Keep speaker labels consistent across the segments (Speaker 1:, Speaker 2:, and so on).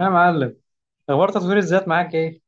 Speaker 1: يا معلم، اخبار تطوير الذات معاك ايه؟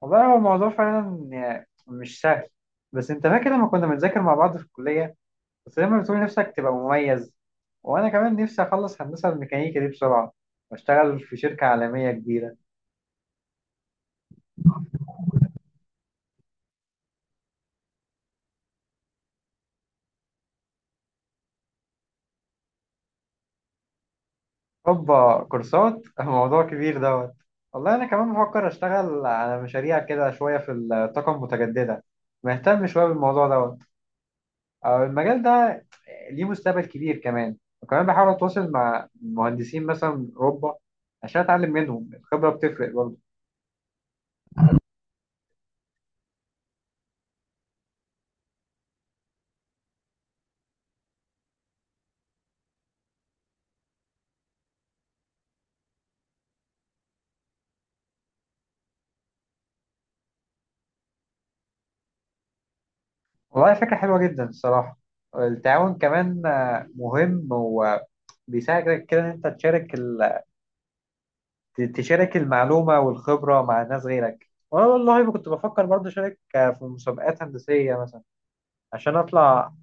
Speaker 1: والله هو الموضوع فعلا يعني مش سهل. بس انت فاكر لما كنا بنذاكر مع بعض في الكلية؟ بس دايما بتقول نفسك تبقى مميز. وانا كمان نفسي اخلص هندسة الميكانيكا دي بسرعة واشتغل في شركة عالمية كبيرة. هوبا كورسات الموضوع كبير دوت. والله انا كمان بفكر اشتغل على مشاريع كده شوية في الطاقة المتجددة. مهتم شوية بالموضوع دوت. المجال ده ليه مستقبل كبير كمان. وكمان بحاول اتواصل مع مهندسين مثلا من اوروبا عشان اتعلم منهم. الخبره بتفرق برضه. والله فكره حلوه جدا الصراحه. التعاون كمان مهم، وبيساعدك كده ان انت تشارك تشارك المعلومه والخبره مع ناس غيرك. وانا والله ما كنت بفكر برضه اشارك في مسابقات هندسيه مثلا عشان اطلع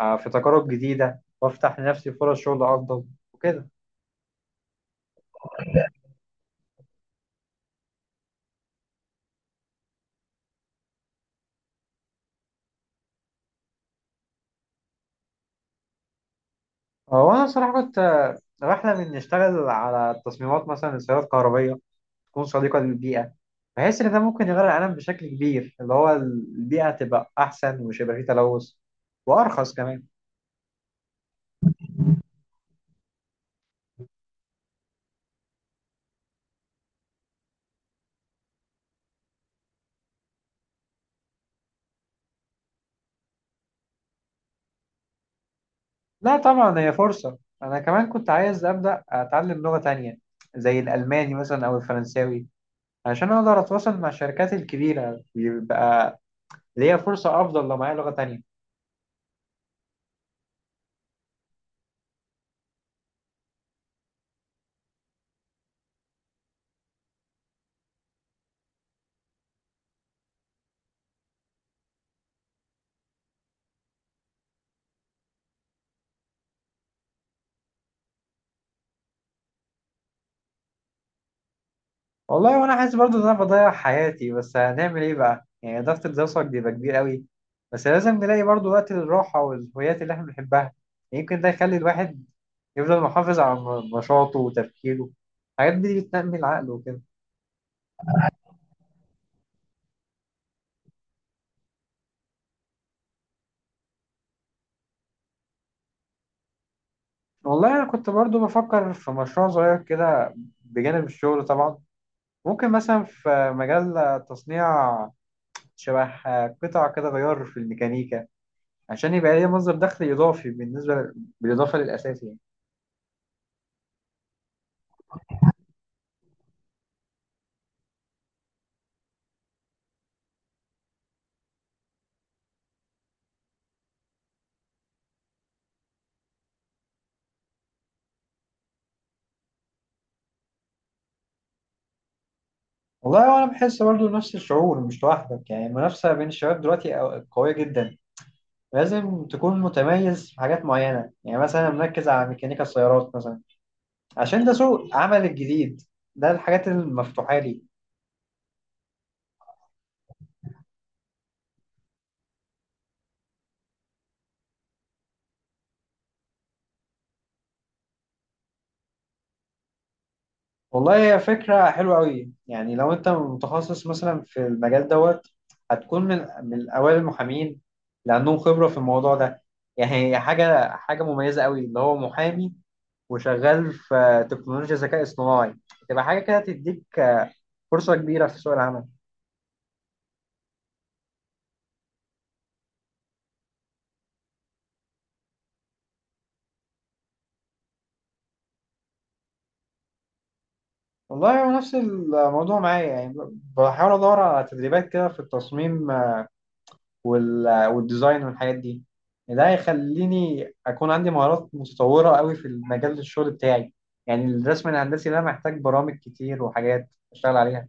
Speaker 1: في تجارب جديده وافتح لنفسي فرص شغل افضل وكده. هو أنا صراحة كنت بحلم إني أشتغل على تصميمات مثلا لسيارات كهربية تكون صديقة للبيئة. بحس إن ده ممكن يغير العالم بشكل كبير، اللي هو البيئة تبقى أحسن ومش هيبقى فيه تلوث، وأرخص كمان. لا طبعا هي فرصة. أنا كمان كنت عايز أبدأ أتعلم لغة تانية زي الألماني مثلا أو الفرنساوي عشان أقدر أتواصل مع الشركات الكبيرة. يبقى ليا فرصة أفضل لو معايا لغة تانية. والله وانا حاسس برضه ان انا بضيع حياتي، بس هنعمل ايه بقى؟ يعني ضغط الدراسه بيبقى كبير قوي، بس لازم نلاقي برضه وقت للراحه والهوايات اللي احنا بنحبها. يمكن ده يخلي الواحد يفضل محافظ على نشاطه وتفكيره. الحاجات دي بتنمي العقل وكده. والله انا كنت برضه بفكر في مشروع صغير كده بجانب الشغل طبعا. ممكن مثلا في مجال تصنيع شبه قطع كده غيار في الميكانيكا عشان يبقى ليه مصدر دخل اضافي بالنسبه بالاضافه للاساسي يعني. والله وانا بحس برضو نفس الشعور، مش لوحدك يعني. المنافسه بين الشباب دلوقتي قويه جدا. لازم تكون متميز في حاجات معينه، يعني مثلا مركز على ميكانيكا السيارات مثلا عشان ده سوق عمل الجديد، ده الحاجات المفتوحه لي. والله هي فكره حلوه قوي. يعني لو انت متخصص مثلا في المجال دوت هتكون من اوائل المحامين لانهم خبره في الموضوع ده. يعني هي حاجه مميزه قوي، اللي هو محامي وشغال في تكنولوجيا ذكاء اصطناعي، تبقى حاجه كده تديك فرصة كبيرة في سوق العمل. والله هو نفس الموضوع معايا يعني. بحاول أدور على تدريبات كده في التصميم والديزاين والحاجات دي. ده هيخليني أكون عندي مهارات متطورة قوي في مجال الشغل بتاعي. يعني الرسم الهندسي ده محتاج برامج كتير وحاجات أشتغل عليها.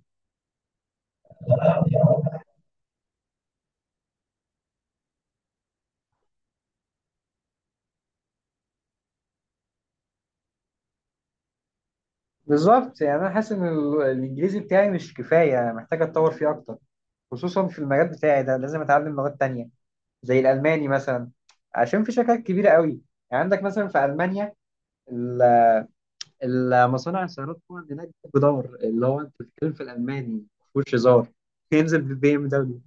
Speaker 1: بالظبط، يعني أنا حاسس إن الإنجليزي بتاعي مش كفاية. أنا محتاج أتطور فيه أكتر، خصوصا في المجال بتاعي ده. لازم أتعلم لغات تانية زي الألماني مثلا، عشان في شركات كبيرة قوي، يعني عندك مثلا في ألمانيا المصانع السيارات طبعا هناك جدار، اللي هو انت بتتكلم في الالماني مفهوش هزار، ينزل بالبي ام دبليو.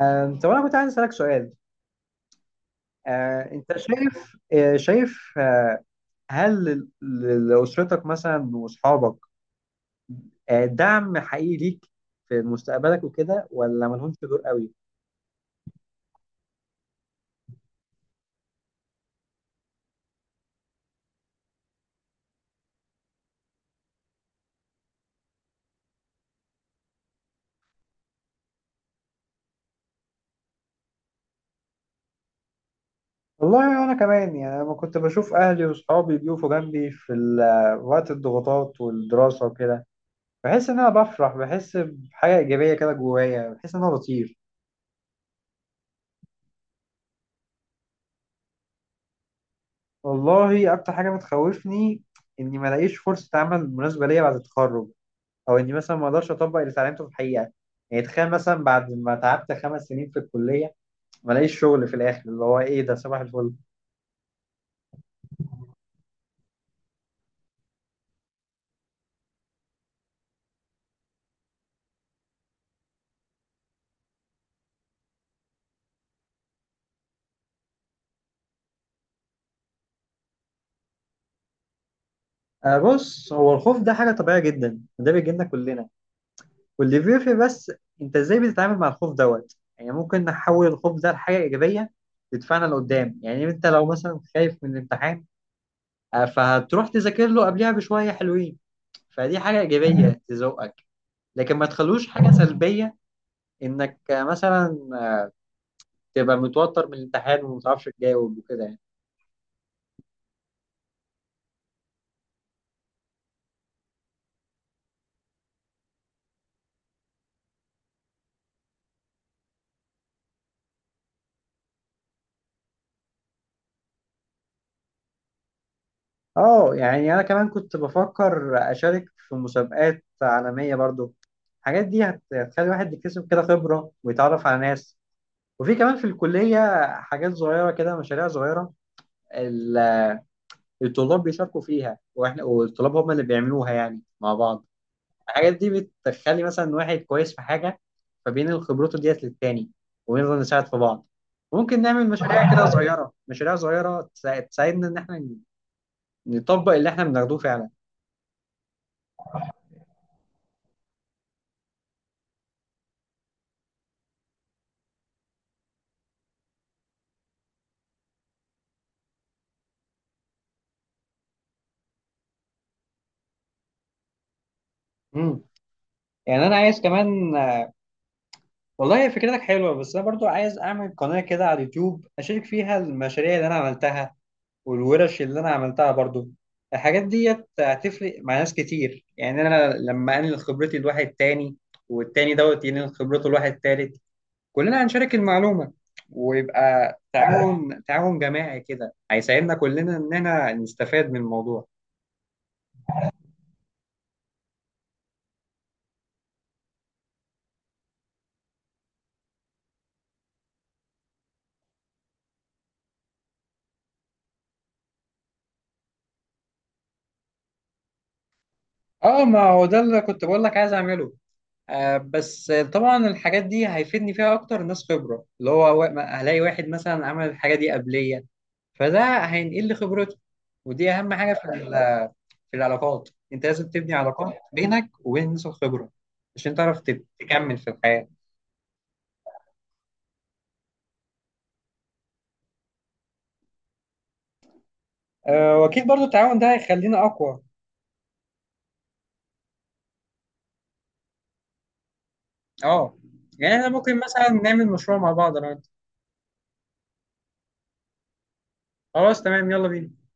Speaker 1: طب انا كنت عايز اسالك سؤال. آه، انت شايف، هل لاسرتك مثلا واصحابك دعم حقيقي ليك في مستقبلك وكده، ولا مالهمش دور قوي؟ والله انا كمان يعني لما كنت بشوف اهلي واصحابي بيقفوا جنبي في وقت الضغوطات والدراسه وكده، بحس ان انا بفرح، بحس بحاجه ايجابيه كده جوايا، بحس ان انا بطير. والله اكتر حاجه بتخوفني اني ما الاقيش فرصه عمل مناسبه ليا بعد التخرج، او اني مثلا ما اقدرش اطبق اللي اتعلمته في الحقيقه. يعني تخيل مثلا بعد ما تعبت 5 سنين في الكليه ما الاقيش شغل في الاخر، اللي هو ايه ده؟ صباح الفل. آه، بص هو الخوف ده حاجه طبيعيه جدا وده بيجي لنا كلنا. واللي بيفرق بس انت ازاي بتتعامل مع الخوف دوت. يعني ممكن نحول الخوف ده لحاجه ايجابيه تدفعنا لقدام. يعني انت لو مثلا خايف من الامتحان، فهتروح تذاكر له قبلها بشويه حلوين، فدي حاجه ايجابيه تزوقك. لكن ما تخلوش حاجه سلبيه انك مثلا تبقى متوتر من الامتحان وما تعرفش تجاوب وكده يعني. اه، يعني انا كمان كنت بفكر اشارك في مسابقات عالميه برضو. الحاجات دي هتخلي الواحد يكتسب كده خبره ويتعرف على ناس. وفي كمان في الكليه حاجات صغيره كده، مشاريع صغيره ال- الطلاب بيشاركوا فيها، واحنا والطلاب هم اللي بيعملوها يعني مع بعض. الحاجات دي بتخلي مثلا واحد كويس في حاجة فبينقل خبرته ديت للتاني، ونفضل نساعد في بعض. ممكن نعمل مشاريع كده صغيرة، مشاريع صغيرة تساعدنا إن إحنا نطبق اللي إحنا بناخدوه فعلا. امم يعني أنا عايز كمان. والله هي فكرتك حلوة، بس أنا برضو عايز أعمل قناة كده على اليوتيوب أشارك فيها المشاريع اللي أنا عملتها والورش اللي أنا عملتها برضو. الحاجات ديت هتفرق مع ناس كتير. يعني أنا لما أنقل خبرتي لواحد تاني والتاني دوت ينقل خبرته لواحد تالت، كلنا هنشارك المعلومة ويبقى تعاون تعاون جماعي كده هيساعدنا كلنا إننا نستفاد من الموضوع. اه، ما هو ده اللي كنت بقول لك عايز اعمله. آه بس طبعا الحاجات دي هيفيدني فيها اكتر ناس خبرة، اللي هو هلاقي واحد مثلا عمل الحاجة دي قبلية، فده هينقل لي خبرته. ودي اهم حاجة في العلاقات. انت لازم تبني علاقات بينك وبين الناس الخبرة عشان تعرف تكمل في الحياة. واكيد برضو التعاون ده هيخلينا اقوى. اه، يعني احنا ممكن مثلا نعمل مشروع مع بعض انا وانت. خلاص تمام، يلا بينا.